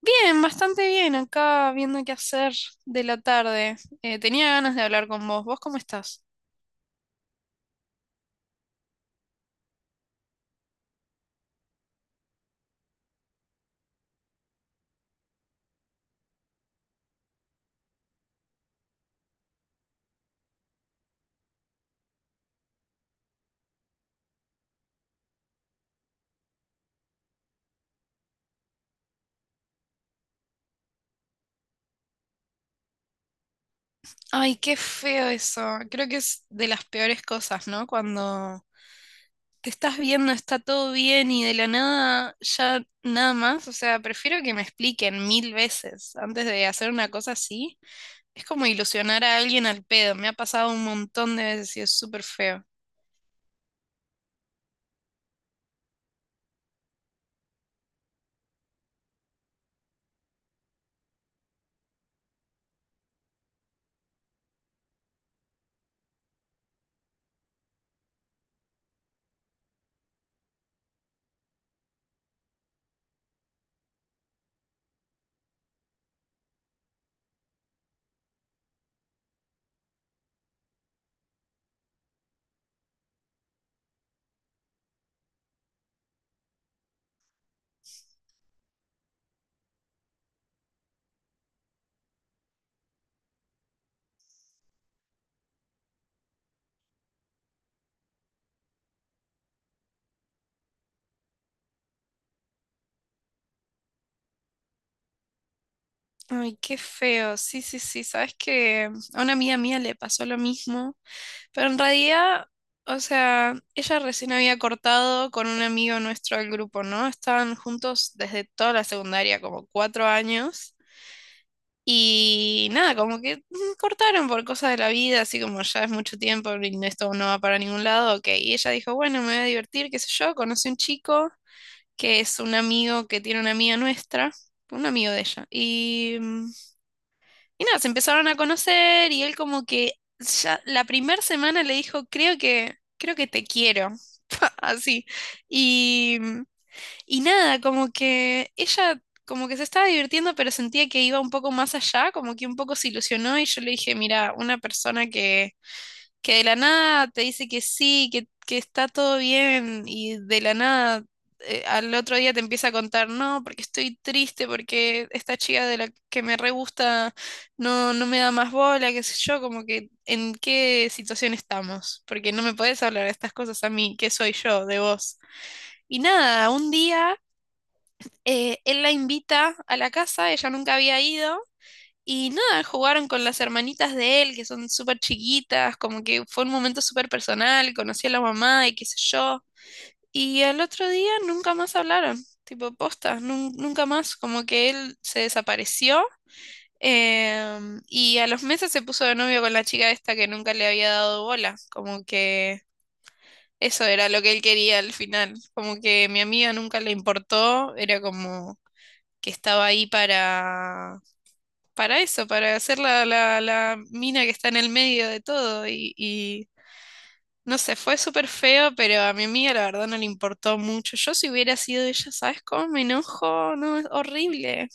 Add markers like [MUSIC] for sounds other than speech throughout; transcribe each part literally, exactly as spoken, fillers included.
Bien, bastante bien, acá viendo qué hacer de la tarde. Eh, tenía ganas de hablar con vos. ¿Vos cómo estás? Ay, qué feo eso. Creo que es de las peores cosas, ¿no? Cuando te estás viendo, está todo bien y de la nada ya nada más. O sea, prefiero que me expliquen mil veces antes de hacer una cosa así. Es como ilusionar a alguien al pedo. Me ha pasado un montón de veces y es súper feo. Ay, qué feo. Sí, sí, sí. Sabes que a una amiga mía le pasó lo mismo, pero en realidad, o sea, ella recién había cortado con un amigo nuestro del grupo, ¿no? Estaban juntos desde toda la secundaria, como cuatro años. Y nada, como que [LAUGHS] mm, cortaron por cosas de la vida, así como ya es mucho tiempo y no- esto no va para ningún lado, ok. Y ella dijo, bueno, me voy a divertir, qué sé yo, conoce un chico que es un amigo que tiene una amiga nuestra, un amigo de ella. Y, mm, y nada, se empezaron a conocer y él como que ya la primera semana le dijo, creo que, creo que te quiero, [LAUGHS] así. Y, mm, y nada, como que ella como que se estaba divirtiendo, pero sentía que iba un poco más allá, como que un poco se ilusionó y yo le dije, mira, una persona que, que de la nada te dice que sí, que, que está todo bien y de la nada eh, al otro día te empieza a contar, no, porque estoy triste, porque esta chica de la que me re gusta no, no me da más bola, qué sé yo, como que en qué situación estamos, porque no me podés hablar de estas cosas a mí, que soy yo, de vos. Y nada, un día... Eh, él la invita a la casa, ella nunca había ido. Y nada, jugaron con las hermanitas de él, que son súper chiquitas, como que fue un momento súper personal, conocí a la mamá y qué sé yo. Y al otro día nunca más hablaron, tipo posta, nun- nunca más, como que él se desapareció. Em, y a los meses se puso de novio con la chica esta que nunca le había dado bola, como que eso era lo que él quería al final, como que mi amiga nunca le importó, era como que estaba ahí para, para eso, para hacer la, la, la mina que está en el medio de todo. Y, y no sé, fue súper feo, pero a mi amiga la verdad no le importó mucho. Yo si hubiera sido ella, ¿sabes cómo me enojo? No, es horrible.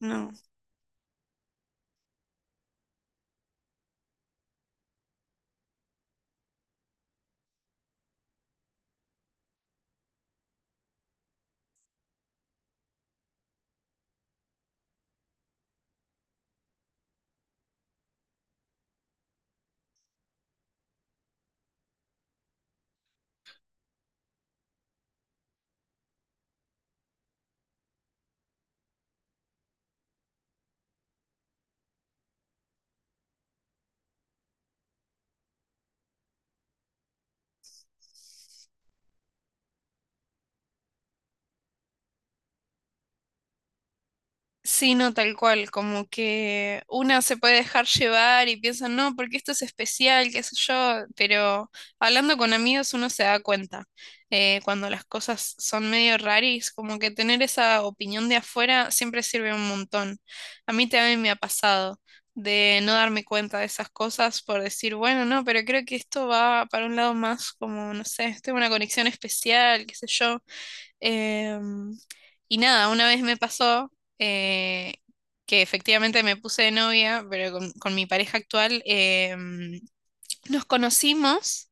No. Sí, no, tal cual, como que una se puede dejar llevar y piensa, no, porque esto es especial, qué sé yo, pero hablando con amigos uno se da cuenta eh, cuando las cosas son medio raris, como que tener esa opinión de afuera siempre sirve un montón. A mí también me ha pasado de no darme cuenta de esas cosas por decir, bueno, no, pero creo que esto va para un lado más como, no sé, tengo una conexión especial, qué sé yo. Em, y nada, una vez me pasó eh, que efectivamente me puse de novia, pero con, con mi pareja actual em, nos conocimos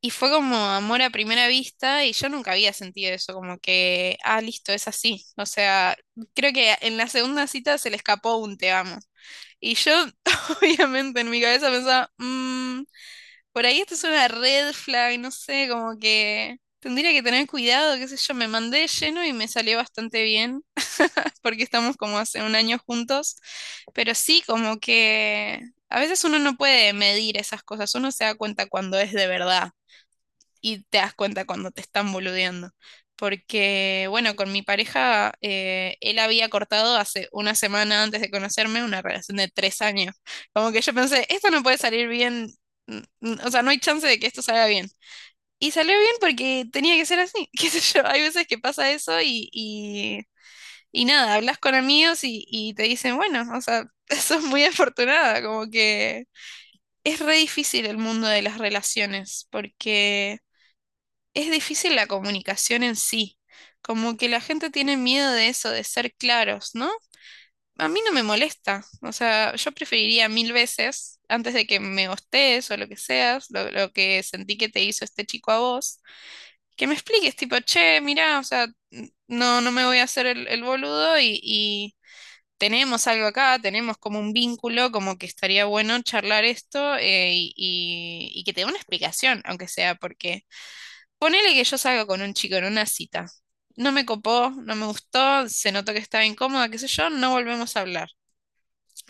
y fue como amor a primera vista y yo nunca había sentido eso, como que, ah, listo, es así. O sea, creo que en la segunda cita se le escapó un te amo. Y yo [LAUGHS] obviamente en mi cabeza pensaba, "Mm, por ahí esto es una red flag, no sé, como que tendría que tener cuidado, qué sé yo, me mandé lleno y me salió bastante bien, [LAUGHS] porque estamos como hace un año juntos, pero sí, como que a veces uno no puede medir esas cosas, uno se da cuenta cuando es de verdad y te das cuenta cuando te están boludeando. Porque, bueno, con mi pareja, eh, él había cortado hace una semana antes de conocerme una relación de tres años. Como que yo pensé, esto no puede salir bien, n- n- o sea, no hay chance de que esto salga bien. Y salió bien porque tenía que ser así, [LAUGHS] qué sé yo, hay veces que pasa eso y, y, y nada, hablas con amigos y, y te dicen, bueno, o sea, [LAUGHS] sos muy afortunada, como que es re difícil el mundo de las relaciones, porque es difícil la comunicación en sí. Como que la gente tiene miedo de eso, de ser claros, ¿no? A mí no me molesta. O sea, yo preferiría mil veces, antes de que me gostes o lo que seas, lo, lo que sentí que te hizo este chico a vos, que me expliques, tipo, che, mirá, o sea, n- no, no me voy a hacer el, el boludo y, y tenemos algo acá, tenemos como un vínculo, como que estaría bueno charlar esto eh, y, y y que te dé una explicación, aunque sea porque ponele que yo salgo con un chico en una cita. No me copó, no me gustó, se notó que estaba incómoda, qué sé yo, no volvemos a hablar.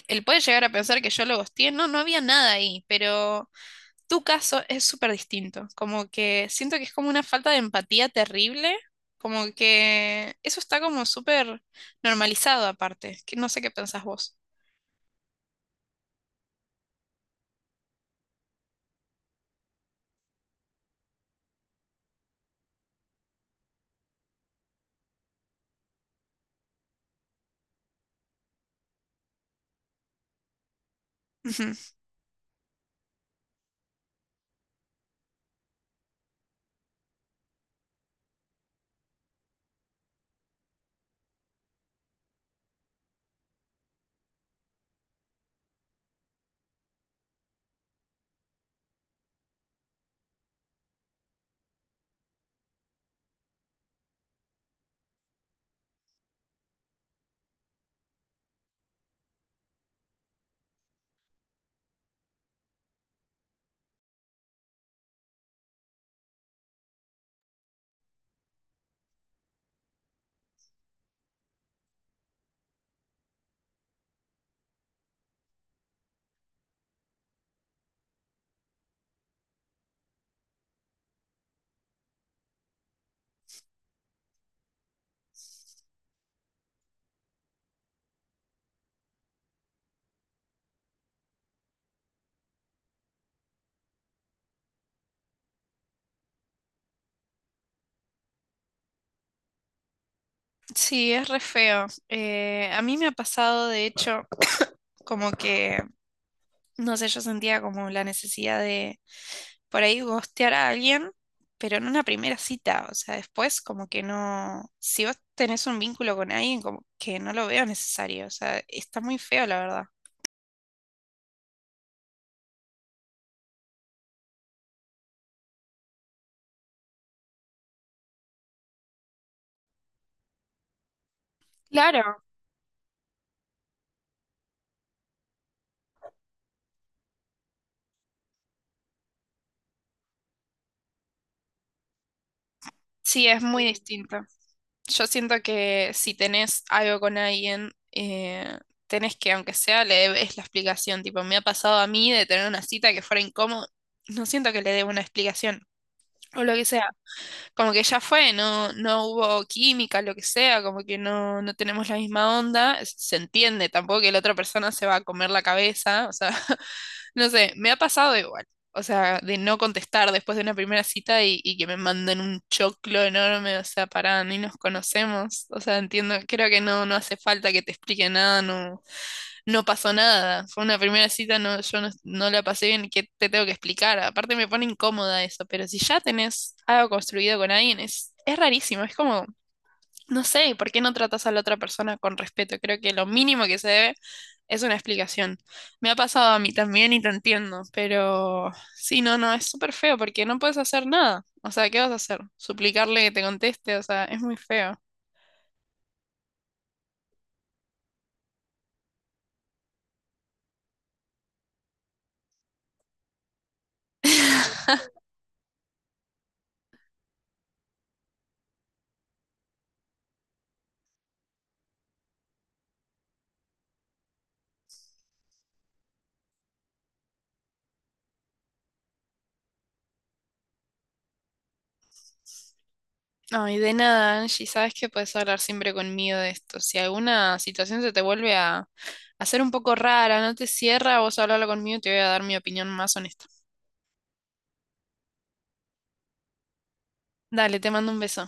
Él puede llegar a pensar que yo lo ghosteé, no, no había nada ahí, pero tu caso es súper distinto. Como que siento que es como una falta de empatía terrible, como que eso está como súper normalizado aparte, que no sé qué pensás vos. Ujú. Sí, es re feo. Eh, a mí me ha pasado, de hecho, como que, no sé, yo sentía como la necesidad de por ahí ghostear a alguien, pero en una primera cita, o sea, después como que no, si vos tenés un vínculo con alguien, como que no lo veo necesario, o sea, está muy feo, la verdad. Claro, sí, es muy distinto. Yo siento que si tenés algo con alguien, eh, tenés que, aunque sea, le debes la explicación. Tipo, me ha pasado a mí de tener una cita que fuera incómodo, no siento que le deba una explicación o lo que sea. Como que ya fue, no, no hubo química, lo que sea, como que no, no tenemos la misma onda, s- se entiende, tampoco que la otra persona se va a comer la cabeza, o sea, [LAUGHS] no sé, me ha pasado igual, o sea, de no contestar después de una primera cita y, y que me manden un choclo enorme, o sea, pará, ni nos conocemos, o sea, entiendo, creo que no, no hace falta que te explique nada, no, no pasó nada. Fue una primera cita, no, yo no, no la pasé bien, ¿qué te tengo que explicar? Aparte me pone incómoda eso, pero si ya tenés algo construido con alguien, es, es rarísimo, es como, no sé, ¿por qué no tratas a la otra persona con respeto? Creo que lo mínimo que se debe es una explicación. Me ha pasado a mí también y lo entiendo, pero sí, no, no, es súper feo porque no puedes hacer nada. O sea, ¿qué vas a hacer? ¿Suplicarle que te conteste? O sea, es muy feo. [LAUGHS] Ay, de nada, Angie, sabes que puedes hablar siempre conmigo de esto. Si alguna situación se te vuelve a hacer un poco rara, no te cierra, vos hablalo conmigo y te voy a dar mi opinión más honesta. Dale, te mando un beso.